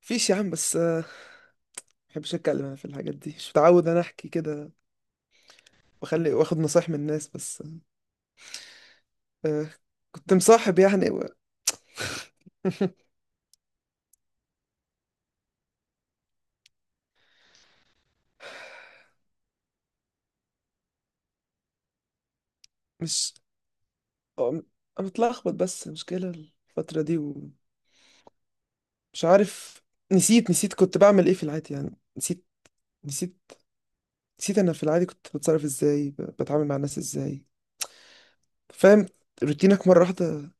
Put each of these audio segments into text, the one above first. فيش يا عم، بس ما بحبش اتكلم انا في الحاجات دي. مش متعود انا احكي كده واخلي واخد نصايح من الناس. بس آه، كنت مصاحب يعني مش آه، انا متلخبط، بس مشكلة الفترة دي، ومش عارف. نسيت نسيت كنت بعمل ايه في العادي، يعني نسيت نسيت نسيت انا في العادي كنت بتصرف ازاي، بتعامل مع الناس ازاي؟ فاهم؟ روتينك مرة واحدة،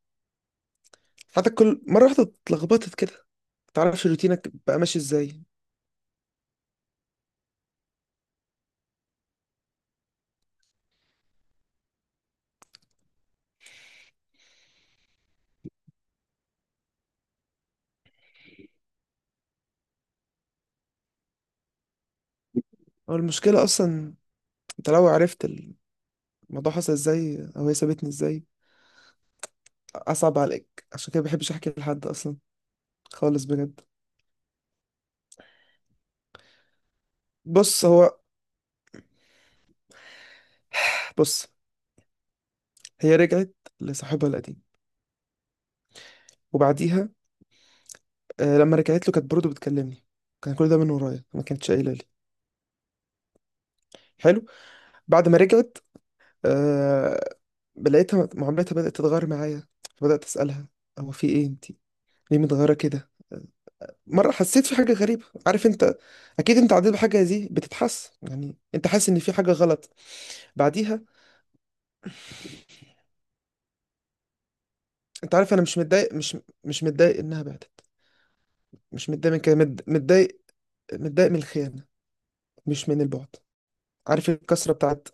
حياتك كل مرة واحدة اتلخبطت كده، متعرفش روتينك بقى ماشي ازاي. هو المشكلة اصلا، انت لو عرفت الموضوع حصل ازاي، او هي سابتني ازاي، اصعب عليك. عشان كده بحبش احكي لحد اصلا، خالص بجد. بص، هو بص، هي رجعت لصاحبها القديم. وبعديها آه، لما رجعت له كانت برضه بتكلمني. كان كل ده من ورايا، ما كانتش قايله لي. حلو. بعد ما رجعت آه، لقيتها معاملتها بدات تتغير معايا. بدات اسالها هو في ايه؟ انتي ليه متغيره كده؟ مرة حسيت في حاجة غريبة. عارف انت، اكيد انت عديت بحاجة زي دي، بتتحس يعني انت حاسس ان في حاجة غلط. بعديها انت عارف انا مش متضايق. مش متضايق انها بعدت. مش متضايق من كده، متضايق، متضايق من الخيانه، مش من البعد. عارف الكسره بتاعت،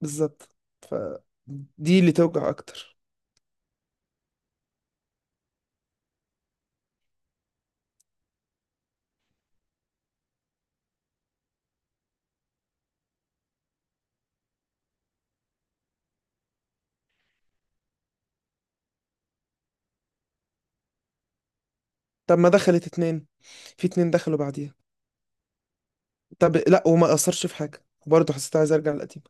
بالظبط. ف دي اللي توجع اكتر. طب ما دخلت اتنين، في اتنين دخلوا بعديها. طب لا، وما اثرش في حاجه، وبرضه حسيت عايز ارجع للقديم.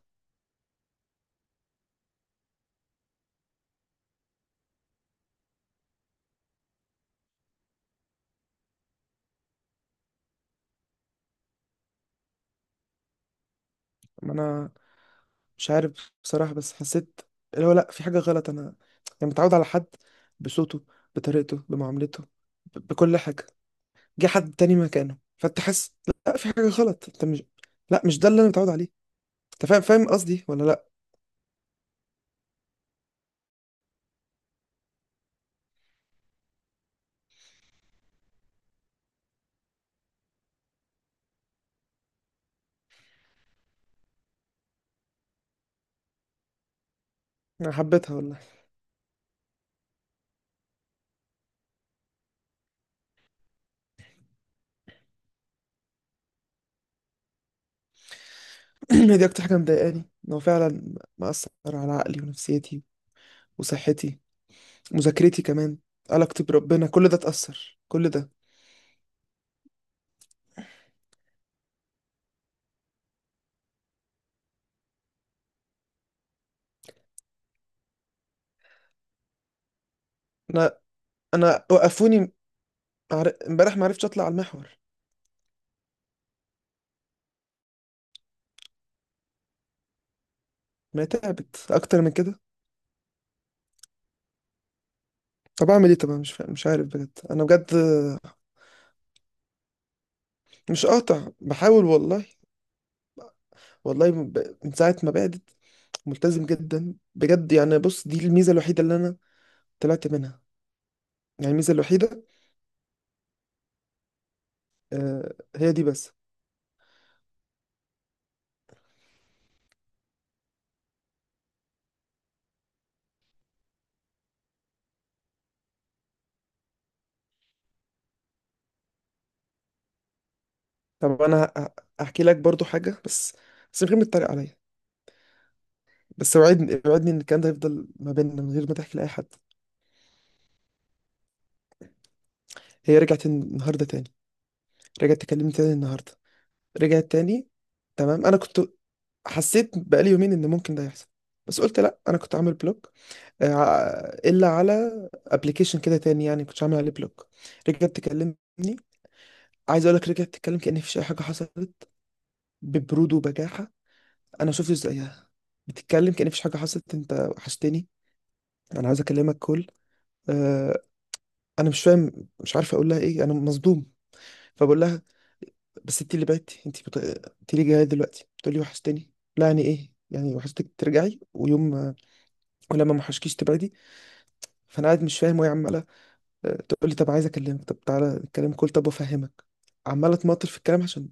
ما انا مش عارف بصراحه، بس حسيت اللي هو لا، في حاجه غلط. انا يعني متعود على حد، بصوته، بطريقته، بمعاملته، بكل حاجه. جه حد تاني مكانه فتحس لا، في حاجة غلط. انت مش، لا، مش ده اللي انا متعود عليه. انت فاهم، فاهم قصدي ولا لا؟ انا حبيتها والله. هي دي اكتر حاجة مضايقاني، ان هو فعلا مأثر على عقلي ونفسيتي وصحتي، مذاكرتي كمان، علاقتي بربنا، كل ده اتأثر، كل ده. انا انا وقفوني. امبارح ما عرفتش اطلع على المحور. ما تعبت اكتر من كده. طب اعمل ايه؟ طب أنا مش عارف بجد، انا بجد. مش قاطع، بحاول والله. والله من من ساعة ما بعدت، ملتزم جدا بجد. يعني بص، دي الميزة الوحيدة اللي أنا طلعت منها. يعني الميزة الوحيدة، هي دي بس. طب أنا هحكي لك برضو حاجة، بس من غير ما تتريق عليا. بس وعدني، وعدني إن الكلام ده هيفضل ما بيننا، من غير ما تحكي لأي حد. هي رجعت النهاردة تاني. رجعت تكلمني تاني النهاردة. رجعت تاني، تمام. أنا كنت حسيت بقالي يومين إن ممكن ده يحصل. بس قلت لأ، أنا كنت عامل بلوك الا على ابلكيشن كده تاني، يعني كنتش عامل عليه بلوك. رجعت تكلمني، عايز اقول لك. رجعت تتكلم كأن مفيش اي حاجه حصلت، ببرود وبجاحه. انا شفت زيها بتتكلم كأن مفيش حاجه حصلت. انت وحشتني، انا عايز اكلمك كل آه، انا مش فاهم. مش عارف اقول لها ايه، انا مصدوم. فبقول لها بس انت اللي بعتي، انت انت ليه جايه دلوقتي بتقول لي وحشتني؟ لا، يعني ايه يعني وحشتك ترجعي؟ ويوم ولما ما وحشكيش تبعدي. فانا قاعد مش فاهم، وهي عماله تقول لي طب عايز اكلمك، طب تعالى نتكلم، كل طب افهمك. عمال اتمطل في الكلام عشان.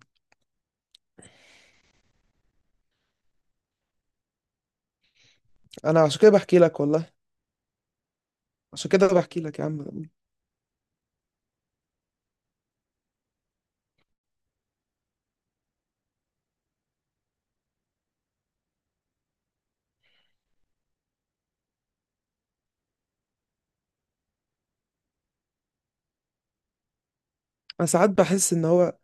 انا عشان كده بحكي لك والله، عشان كده بحكي لك يا عم. انا ساعات بحس ان هو،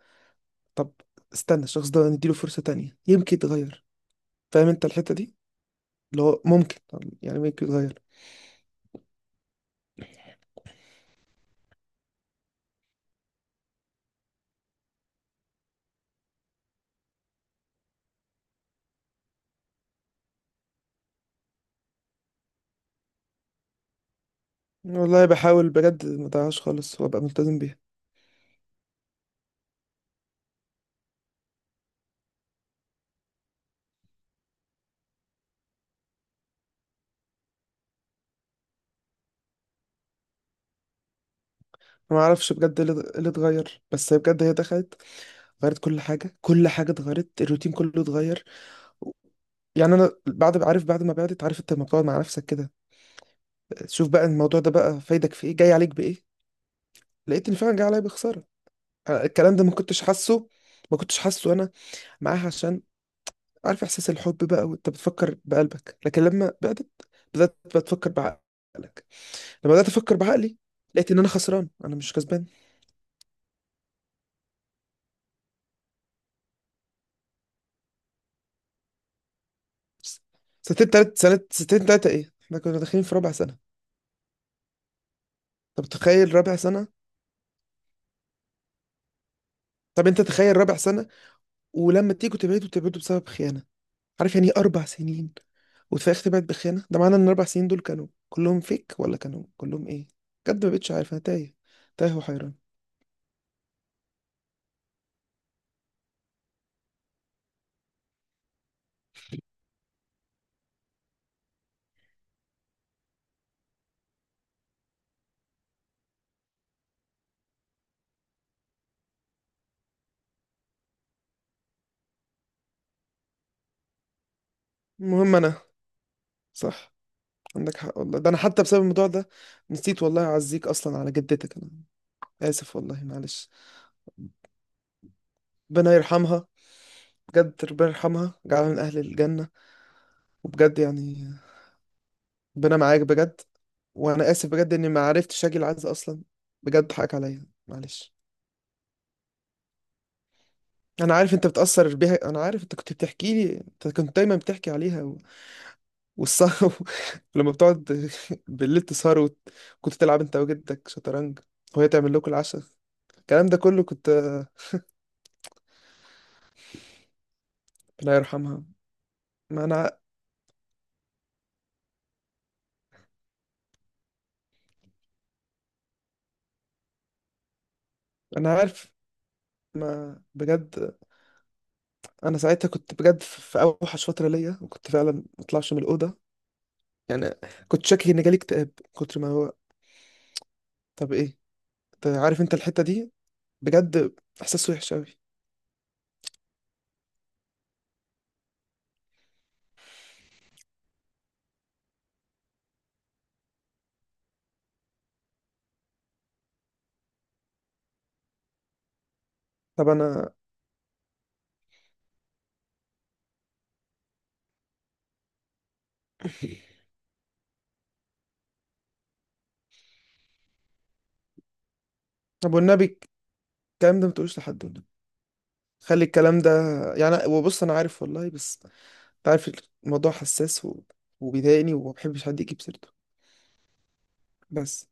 طب استنى الشخص ده، نديله فرصة تانية يمكن يتغير. فاهم انت الحتة دي، اللي هو ممكن، طب يعني ممكن يتغير. والله بحاول بجد، ما ضيعهاش خالص، وابقى ملتزم بيها. أنا ما اعرفش بجد إيه اللي اتغير، بس هي بجد هي دخلت غيرت كل حاجه، كل حاجه اتغيرت، الروتين كله اتغير يعني. انا بعد عارف، بعد ما بعدت، عارف انت لما بتقعد مع نفسك كده، شوف بقى الموضوع ده بقى فايدك في ايه، جاي عليك بايه. لقيت ان فعلا جاي عليا بخساره. أنا الكلام ده ما كنتش حاسه. ما كنتش حاسه انا معاها، عشان عارف احساس الحب بقى وانت بتفكر بقلبك. لكن لما بدات بتفكر بعقلك، لما بدات افكر بعقلي، لقيت ان انا خسران، انا مش كسبان. سنتين، تلات سنة، سنتين تلاتة ايه، احنا كنا داخلين في رابع سنة. طب تخيل رابع سنة. طب انت تخيل رابع سنة، ولما تيجوا تبعدوا تبعدوا بسبب خيانة. عارف يعني ايه اربع سنين، وتفاجئ طلعت بخيانه؟ ده معنى ان الاربع سنين دول كانوا كلهم فيك ولا كانوا كلهم ايه. بجد ما بقتش عارف، انا تايه، تايه وحيران. المهم انا، صح، عندك حق والله. ده انا حتى بسبب الموضوع ده نسيت والله اعزيك اصلا على جدتك. انا اسف والله، معلش. ربنا يرحمها، بجد ربنا يرحمها، جعلها من اهل الجنه. وبجد يعني، ربنا معاك بجد. وانا اسف بجد اني ما عرفتش اجي العز اصلا. بجد حقك عليا، معلش. انا عارف انت بتأثر بيها، انا عارف انت كنت بتحكي لي، انت كنت دايما بتحكي عليها، و... والسهر ولما بتقعد بالليل تسهر، وت... كنت تلعب انت وجدك شطرنج، وهي تعمل لكم العشاء. الكلام ده كله كنت الله يرحمها. ما انا انا عارف. ما بجد انا ساعتها كنت بجد في في اوحش فترة ليا، وكنت فعلا ما اطلعش من الأوضة يعني. كنت شاكك ان جالي اكتئاب، من كتر ما هو طب ايه. انت عارف انت الحتة دي، بجد احساس وحش قوي. طب انا طب والنبي، الكلام ده ما تقولوش لحد والله. خلي الكلام ده يعني، وبص انا عارف والله، بس انت عارف الموضوع حساس، و... وبيضايقني، وما بحبش حد يجيب سيرته بس.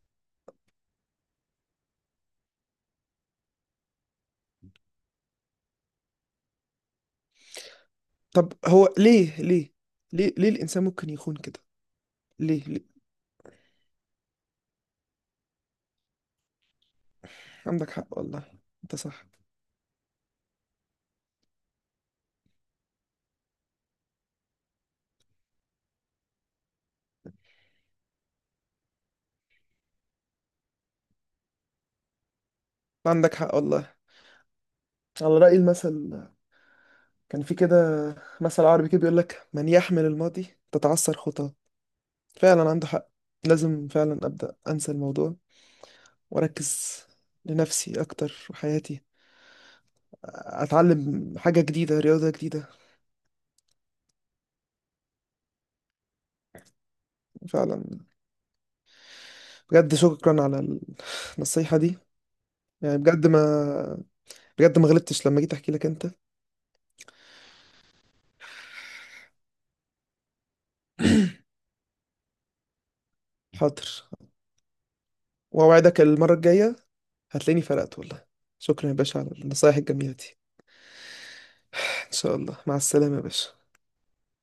طب هو ليه ليه، ليه ليه الانسان ممكن يخون كده؟ ليه ليه؟ عندك حق والله، انت صح. عندك حق والله، على رأي المثل. كان في كده مثل عربي كده بيقول لك، من يحمل الماضي تتعثر خطاه. فعلا عنده حق. لازم فعلا أبدأ أنسى الموضوع، وأركز لنفسي أكتر، وحياتي اتعلم حاجة جديدة، رياضة جديدة. فعلا. بجد شكرا على النصيحة دي. يعني بجد ما غلطتش لما جيت احكي لك انت. حاضر. واوعدك المرة الجاية هتلاقيني فرقت والله. شكرا يا باشا على النصايح الجميلة دي. ان شاء الله، مع السلامة يا باشا.